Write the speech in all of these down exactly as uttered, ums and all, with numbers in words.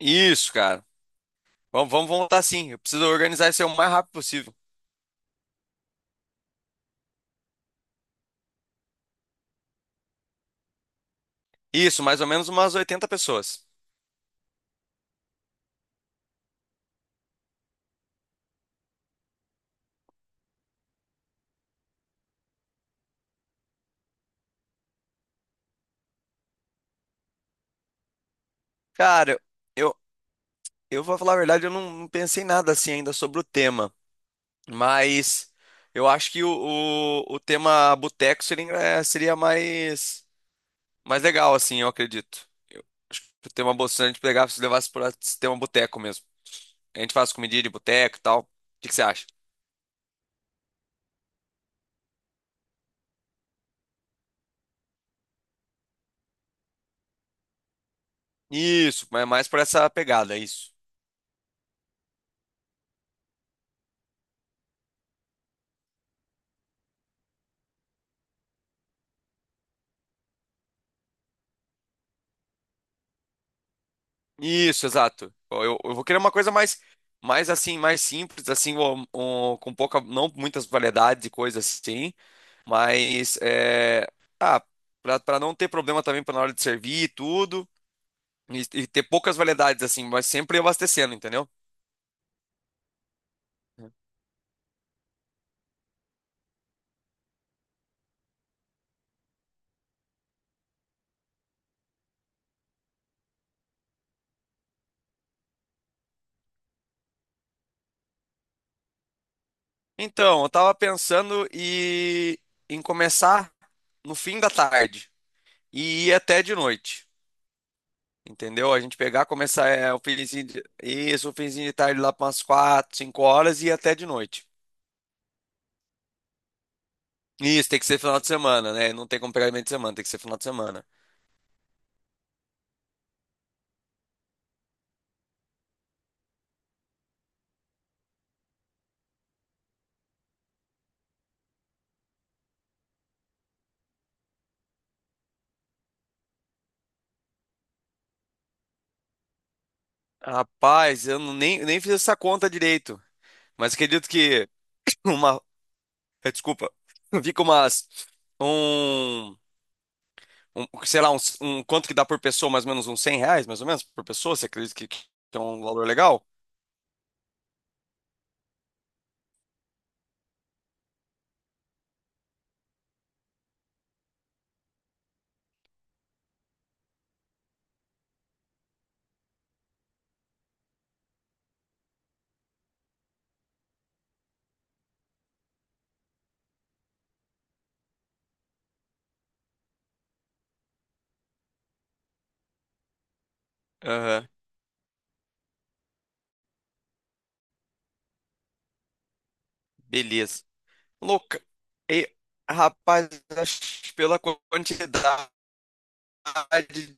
Isso, cara. Vamos, vamos voltar sim. Eu preciso organizar isso aí o mais rápido possível. Isso, mais ou menos umas oitenta pessoas. Cara, eu, eu vou falar a verdade, eu não, não pensei nada assim ainda sobre o tema. Mas eu acho que o, o, o tema boteco seria, eh, seria mais, mais, legal, assim, eu acredito. Eu acho que o tema boteco, se a gente pegar, se levasse para tema boteco mesmo. A gente faz comidinha de boteco e tal. O que que você acha? Isso, mas mais por essa pegada, isso. Isso, exato. Eu, eu vou querer uma coisa mais, mais assim, mais simples, assim, um- um- com pouca, não muitas variedades de coisas assim, mas é, ah, pra, pra não ter problema também pra na hora de servir e tudo, e, e ter poucas variedades assim, mas sempre abastecendo, entendeu? Então, eu tava pensando e, em começar no fim da tarde e ir até de noite. Entendeu? A gente pegar, começar é, o finzinho de, isso, o finzinho de tarde lá para umas quatro cinco horas e ir até de noite. Isso, tem que ser final de semana, né? Não tem como pegar meio de semana, tem que ser final de semana. Rapaz, eu não- nem, nem fiz essa conta direito. Mas acredito que uma. eh, Desculpa. Fica umas. Um, um. Sei lá, um, um- Quanto que dá por pessoa? Mais ou menos uns cem reais, mais ou menos, por pessoa? Você acredita que, que é um valor legal? Aham. Beleza. Louca. E, rapaz, acho que pela quantidade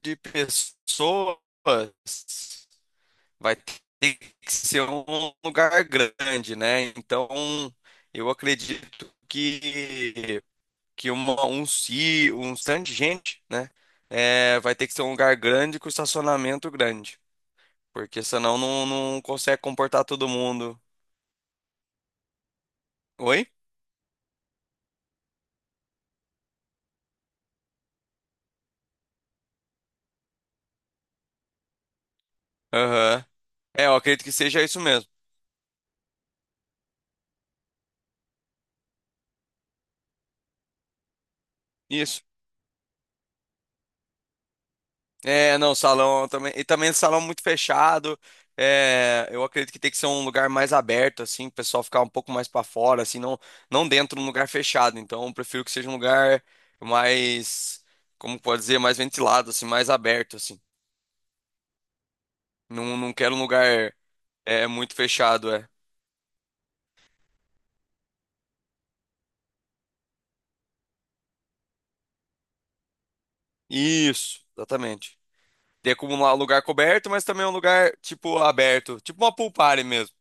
de pessoas. vai ter que ser um lugar grande, né? Então, eu acredito que, que uma, um, ci- um stand de gente, né? É, vai ter que ser um lugar grande com estacionamento grande, porque senão não, não consegue comportar todo mundo. Oi? Aham. É, eu acredito que seja isso mesmo. Isso. É, não, salão também. E também salão muito fechado. É, eu acredito que tem que ser um lugar mais aberto, assim, o pessoal ficar um pouco mais para fora, assim, não, não dentro de um lugar fechado. Então, eu prefiro que seja um lugar mais, como pode dizer, mais ventilado, assim, mais aberto, assim. Não, não quero um lugar é, muito fechado, é. Isso, exatamente. Tem como um lugar coberto, mas também um lugar, tipo, aberto. Tipo uma pool party mesmo.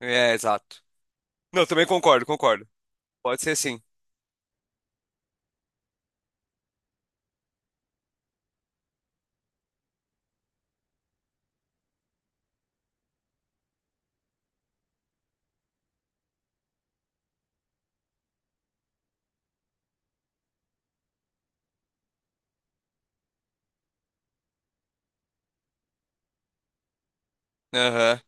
É, exato. Não, também concordo, concordo. Pode ser sim. Aham.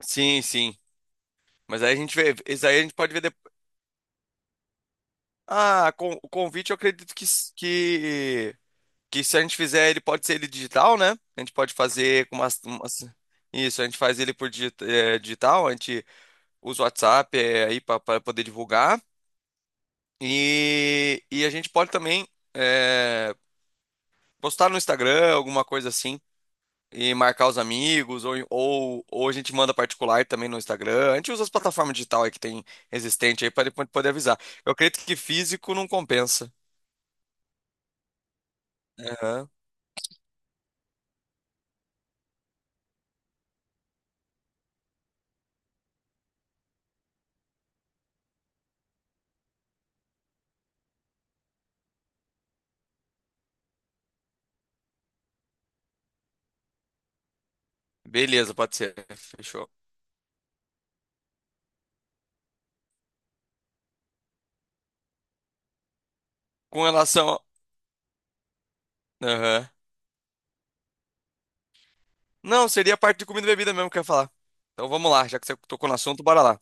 Sim, sim. Mas aí a gente vê, isso aí a gente pode ver depois. Ah, con- o convite eu acredito que, s- que, que se a gente fizer ele, pode ser ele digital, né? A gente pode fazer com umas, umas- isso, a gente faz ele por digi- eh, digital, a gente usa o WhatsApp eh, aí para poder divulgar. E, e a gente pode também eh, postar no Instagram, alguma coisa assim, e marcar os amigos, ou, ou, ou a gente manda particular também no Instagram. A gente usa as plataformas digitais aí que tem existente aí para poder avisar. Eu acredito que físico não compensa. Aham. Beleza, pode ser. Fechou. Com relação. A- Aham. Não, seria a parte de comida e bebida mesmo que eu ia falar. Então vamos lá, já que você tocou no assunto, bora lá. O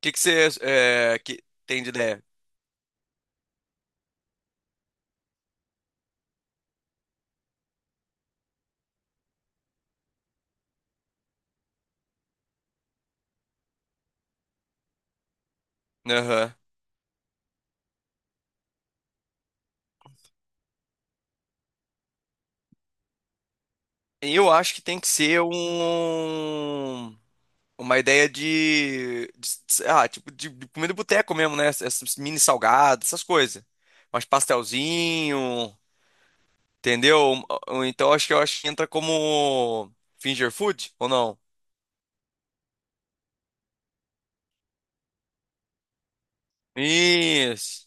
que que você é, que tem de ideia? Aham. Eu acho que tem que ser um. Uma ideia de, de, sei lá, tipo, de, de comida de boteco mesmo, né? Essas mini salgadas, essas coisas. Mas pastelzinho, entendeu? Ou Então acho que eu acho que entra como finger food ou não? Isso.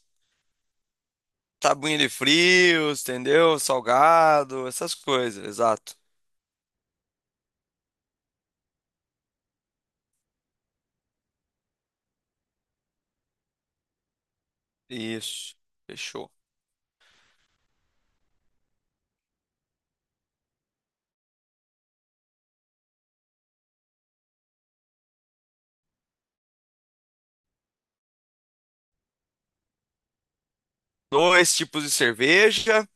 Tabuinha de frios, entendeu? Salgado, essas coisas, exato. Isso. Fechou. Dois tipos de cerveja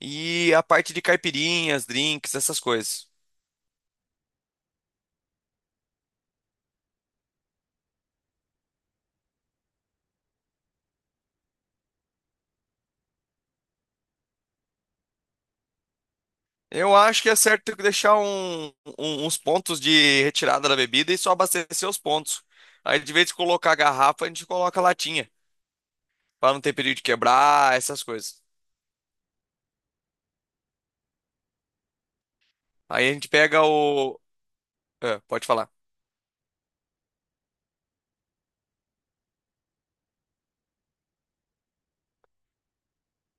e a parte de caipirinhas, drinks, essas coisas. Eu acho que é certo deixar um- um- uns pontos de retirada da bebida e só abastecer os pontos. Aí, de vez em colocar a garrafa, a gente coloca a latinha, para não ter perigo de quebrar, essas coisas. Aí a gente pega o. É, pode falar.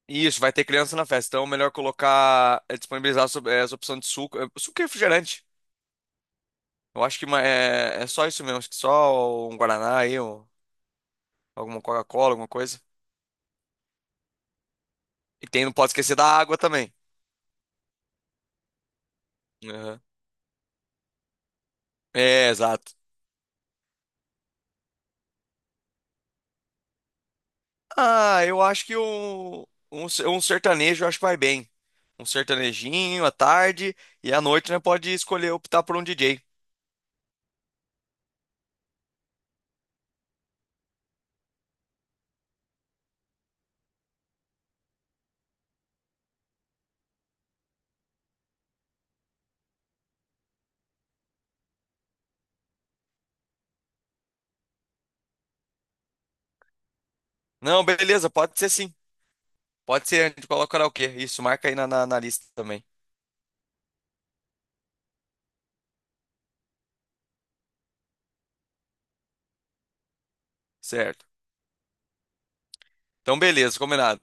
Isso, vai ter criança na festa, então é melhor colocar, é, disponibilizar sob- é, essa opção de suco, é, suco e refrigerante. Eu acho que ma- é, é só isso mesmo, acho que só um Guaraná aí, um- alguma Coca-Cola, alguma coisa. E tem, não pode esquecer da água também. Aham. É, exato. Ah, eu acho que um, um, ser- um sertanejo eu acho que vai bem. Um sertanejinho à tarde e à noite, né? Pode escolher optar por um D J. Não, beleza, pode ser sim. Pode ser, a gente coloca o karaokê. Isso, marca aí na, na, na lista também. Certo. Então, beleza, combinado.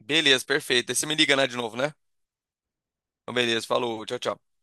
Beleza, perfeito. Aí você me liga, né, de novo, né? Então, beleza, falou, tchau, tchau.